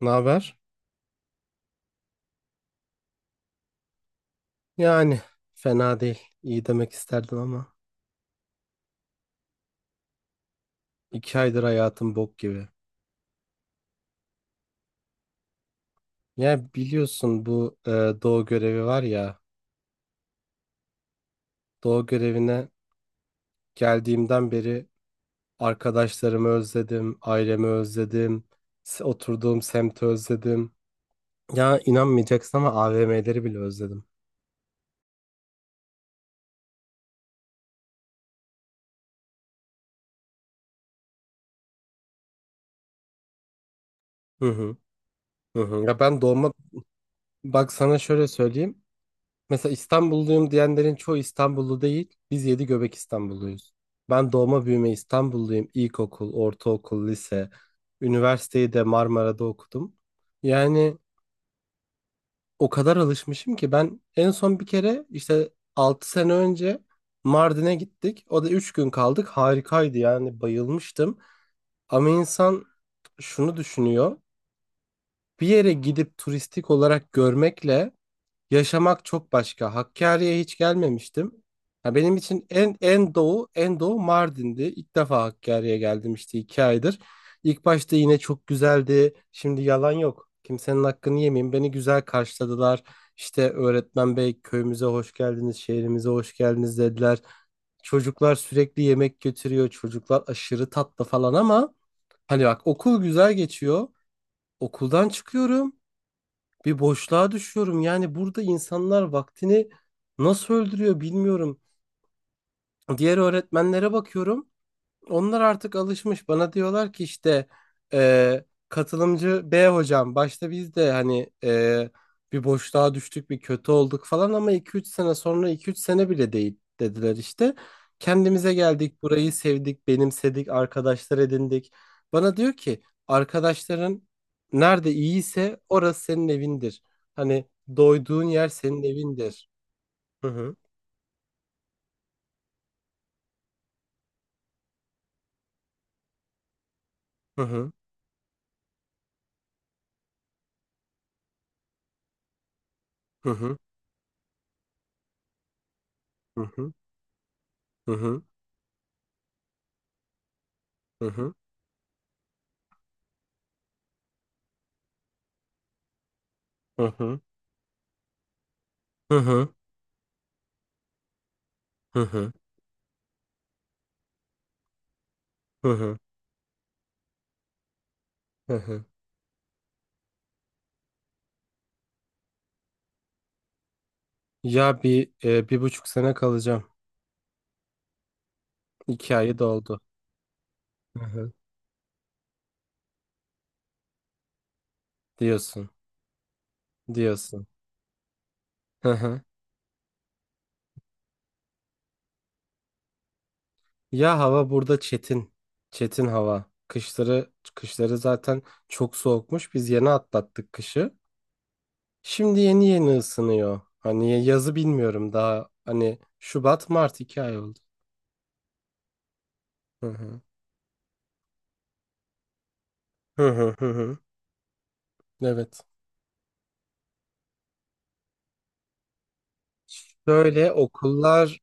Ne haber? Yani fena değil. İyi demek isterdim ama 2 aydır hayatım bok gibi. Ya biliyorsun bu doğu görevi var ya. Doğu görevine geldiğimden beri arkadaşlarımı özledim, ailemi özledim, oturduğum semti özledim. Ya inanmayacaksın ama AVM'leri bile özledim. Hı hı, hı hı. Ya ben doğma bak sana şöyle söyleyeyim. Mesela İstanbulluyum diyenlerin çoğu İstanbullu değil. Biz yedi göbek İstanbulluyuz. Ben doğma büyüme İstanbulluyum. İlkokul, ortaokul, lise, üniversiteyi de Marmara'da okudum. Yani o kadar alışmışım ki ben en son bir kere işte 6 sene önce Mardin'e gittik. O da 3 gün kaldık. Harikaydı yani bayılmıştım. Ama insan şunu düşünüyor. Bir yere gidip turistik olarak görmekle yaşamak çok başka. Hakkari'ye hiç gelmemiştim. Ha, benim için en doğu en doğu Mardin'di. İlk defa Hakkari'ye geldim işte 2 aydır. İlk başta yine çok güzeldi. Şimdi yalan yok. Kimsenin hakkını yemeyeyim. Beni güzel karşıladılar. İşte öğretmen bey köyümüze hoş geldiniz, şehrimize hoş geldiniz dediler. Çocuklar sürekli yemek götürüyor. Çocuklar aşırı tatlı falan ama hani bak okul güzel geçiyor. Okuldan çıkıyorum, bir boşluğa düşüyorum. Yani burada insanlar vaktini nasıl öldürüyor bilmiyorum. Diğer öğretmenlere bakıyorum. Onlar artık alışmış. Bana diyorlar ki işte katılımcı B hocam. Başta biz de hani bir boşluğa düştük, bir kötü olduk falan ama iki üç sene sonra iki üç sene bile değil dediler işte. Kendimize geldik, burayı sevdik, benimsedik, arkadaşlar edindik. Bana diyor ki arkadaşların nerede iyiyse orası senin evindir. Hani doyduğun yer senin evindir. Hı hı hı hı hı hı hı hı hı hı hı. Hı hı. Hı hı. Hı hı. Hı hı. Ya 1,5 sene kalacağım. 2 ayı doldu. Hı hı. Diyorsun. Diyorsun. Hı hı. Ya hava burada çetin. Çetin hava. Kışları kışları zaten çok soğukmuş. Biz yeni atlattık kışı. Şimdi yeni yeni ısınıyor. Hani yazı bilmiyorum daha. Hani Şubat, Mart 2 ay oldu. Hı hı. Hı hı hı hı. Evet. Böyle okullar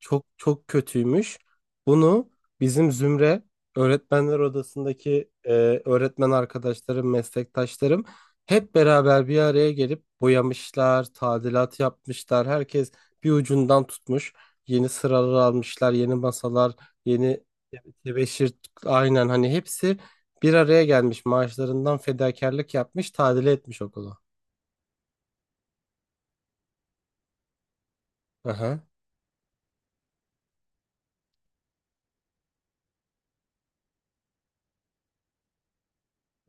çok çok kötüymüş. Bunu bizim Zümre öğretmenler odasındaki öğretmen arkadaşlarım, meslektaşlarım hep beraber bir araya gelip boyamışlar, tadilat yapmışlar. Herkes bir ucundan tutmuş. Yeni sıralar almışlar, yeni masalar, yeni tebeşir, aynen hani hepsi bir araya gelmiş. Maaşlarından fedakarlık yapmış, tadile etmiş okulu. Aha,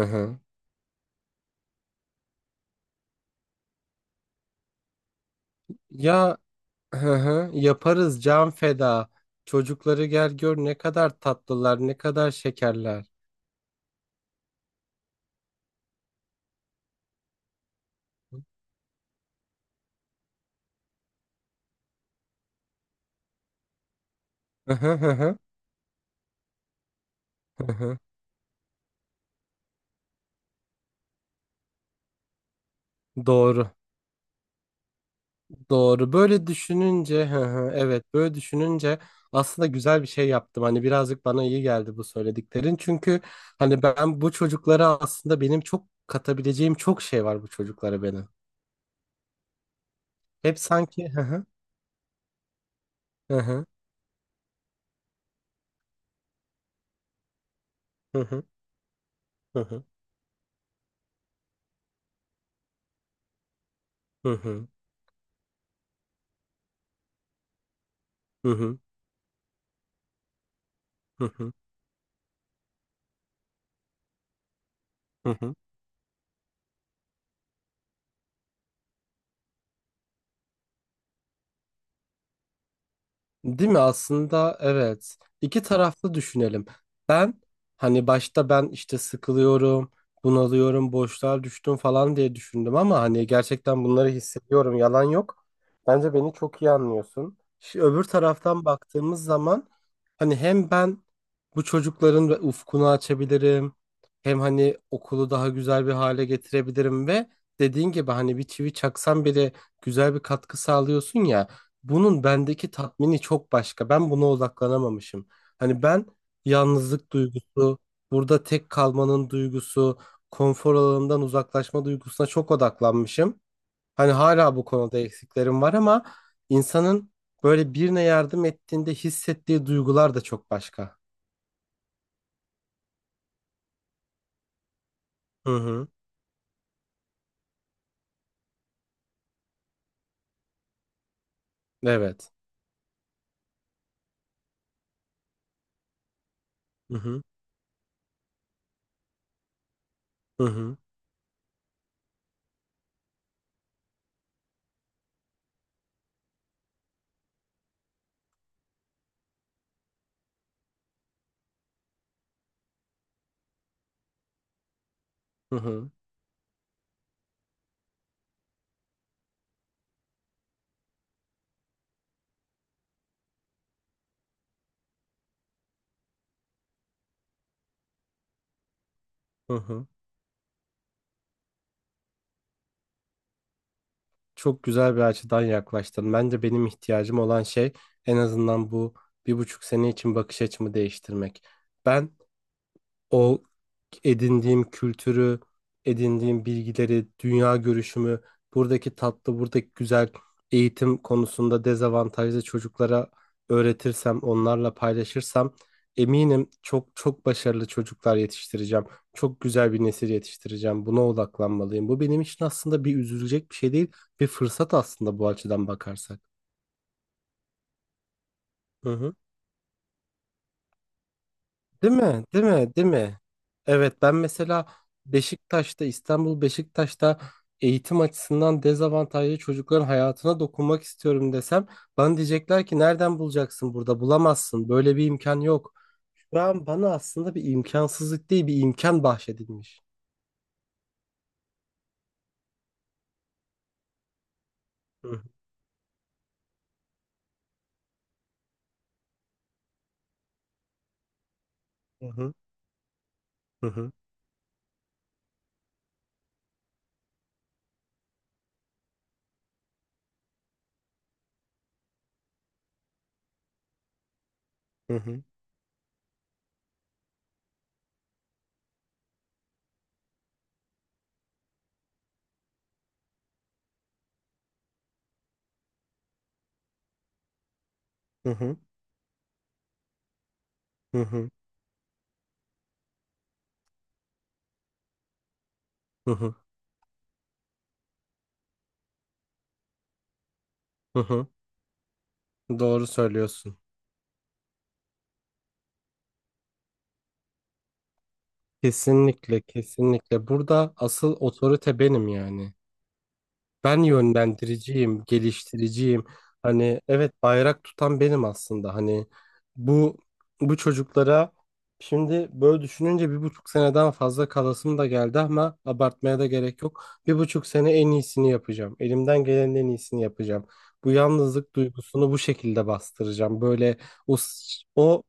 aha. Ya, hı hı, yaparız can feda. Çocukları gel gör ne kadar tatlılar, ne kadar şekerler. Hı hı hı hı, hı hı. Doğru, doğru. Böyle düşününce, hı hı, evet, böyle düşününce aslında güzel bir şey yaptım. Hani birazcık bana iyi geldi bu söylediklerin. Çünkü hani ben bu çocuklara aslında benim çok katabileceğim çok şey var bu çocuklara benim. Hep sanki hı hı hı hı hı hı hı hı hı hı hı hı. Hı. Değil mi? Aslında evet. İki taraflı düşünelim. Ben hani başta ben işte sıkılıyorum, bunalıyorum, boşluğa düştüm falan diye düşündüm ama hani gerçekten bunları hissediyorum. Yalan yok. Bence beni çok iyi anlıyorsun. Şimdi öbür taraftan baktığımız zaman hani hem ben bu çocukların ve ufkunu açabilirim. Hem hani okulu daha güzel bir hale getirebilirim ve dediğin gibi hani bir çivi çaksan bile güzel bir katkı sağlıyorsun ya. Bunun bendeki tatmini çok başka. Ben buna odaklanamamışım. Hani ben yalnızlık duygusu, burada tek kalmanın duygusu, konfor alanından uzaklaşma duygusuna çok odaklanmışım. Hani hala bu konuda eksiklerim var ama insanın böyle birine yardım ettiğinde hissettiği duygular da çok başka. Hı hı. Evet. Hı hı. Hı hı. Hı hı. Hı hı. Çok güzel bir açıdan yaklaştın. Bence benim ihtiyacım olan şey en azından bu 1,5 sene için bakış açımı değiştirmek. Ben o edindiğim kültürü, edindiğim bilgileri, dünya görüşümü, buradaki tatlı, buradaki güzel eğitim konusunda dezavantajlı çocuklara öğretirsem, onlarla paylaşırsam eminim çok çok başarılı çocuklar yetiştireceğim. Çok güzel bir nesil yetiştireceğim. Buna odaklanmalıyım. Bu benim için aslında bir üzülecek bir şey değil, bir fırsat aslında bu açıdan bakarsak. Hı hı. Değil mi? Değil mi? Değil mi? Evet ben mesela Beşiktaş'ta, İstanbul Beşiktaş'ta eğitim açısından dezavantajlı çocukların hayatına dokunmak istiyorum desem bana diyecekler ki nereden bulacaksın, burada bulamazsın, böyle bir imkan yok. Şu an bana aslında bir imkansızlık değil bir imkan bahşedilmiş. Hı hı hı hı hı hı hı hı hı hı hı hı hı hı. Doğru söylüyorsun. Kesinlikle, kesinlikle burada asıl otorite benim yani. Ben yönlendiriciyim, geliştiriciyim. Hani evet bayrak tutan benim aslında. Hani bu bu çocuklara şimdi böyle düşününce 1,5 seneden fazla kalasım da geldi ama abartmaya da gerek yok. 1,5 sene en iyisini yapacağım. Elimden gelenin en iyisini yapacağım. Bu yalnızlık duygusunu bu şekilde bastıracağım. Böyle o,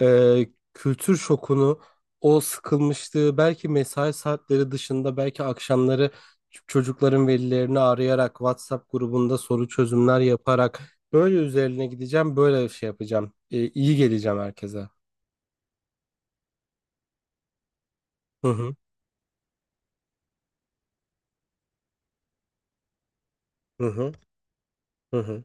e, kültür şokunu, o sıkılmışlığı belki mesai saatleri dışında belki akşamları çocukların velilerini arayarak WhatsApp grubunda soru çözümler yaparak böyle üzerine gideceğim, böyle şey yapacağım. E, iyi geleceğim herkese. Hı hı hı hı hı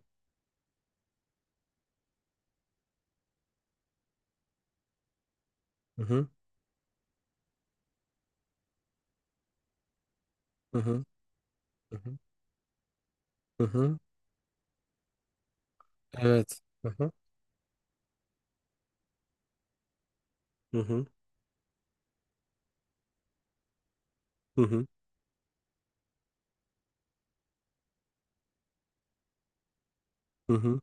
hı hı hı hı hı hı hı. Evet. Hı hı hı hı hı hı. Hı hı.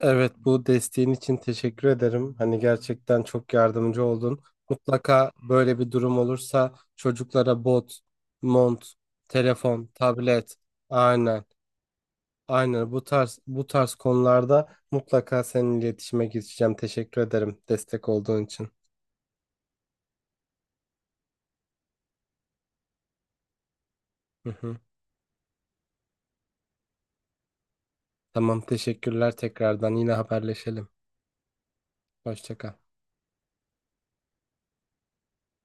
Evet, bu desteğin için teşekkür ederim. Hani gerçekten çok yardımcı oldun. Mutlaka böyle bir durum olursa çocuklara bot, mont, telefon, tablet, aynen, aynen bu tarz bu tarz konularda mutlaka seninle iletişime geçeceğim. Teşekkür ederim destek olduğun için. Hı hı. Tamam, teşekkürler tekrardan. Yine haberleşelim. Hoşça kal.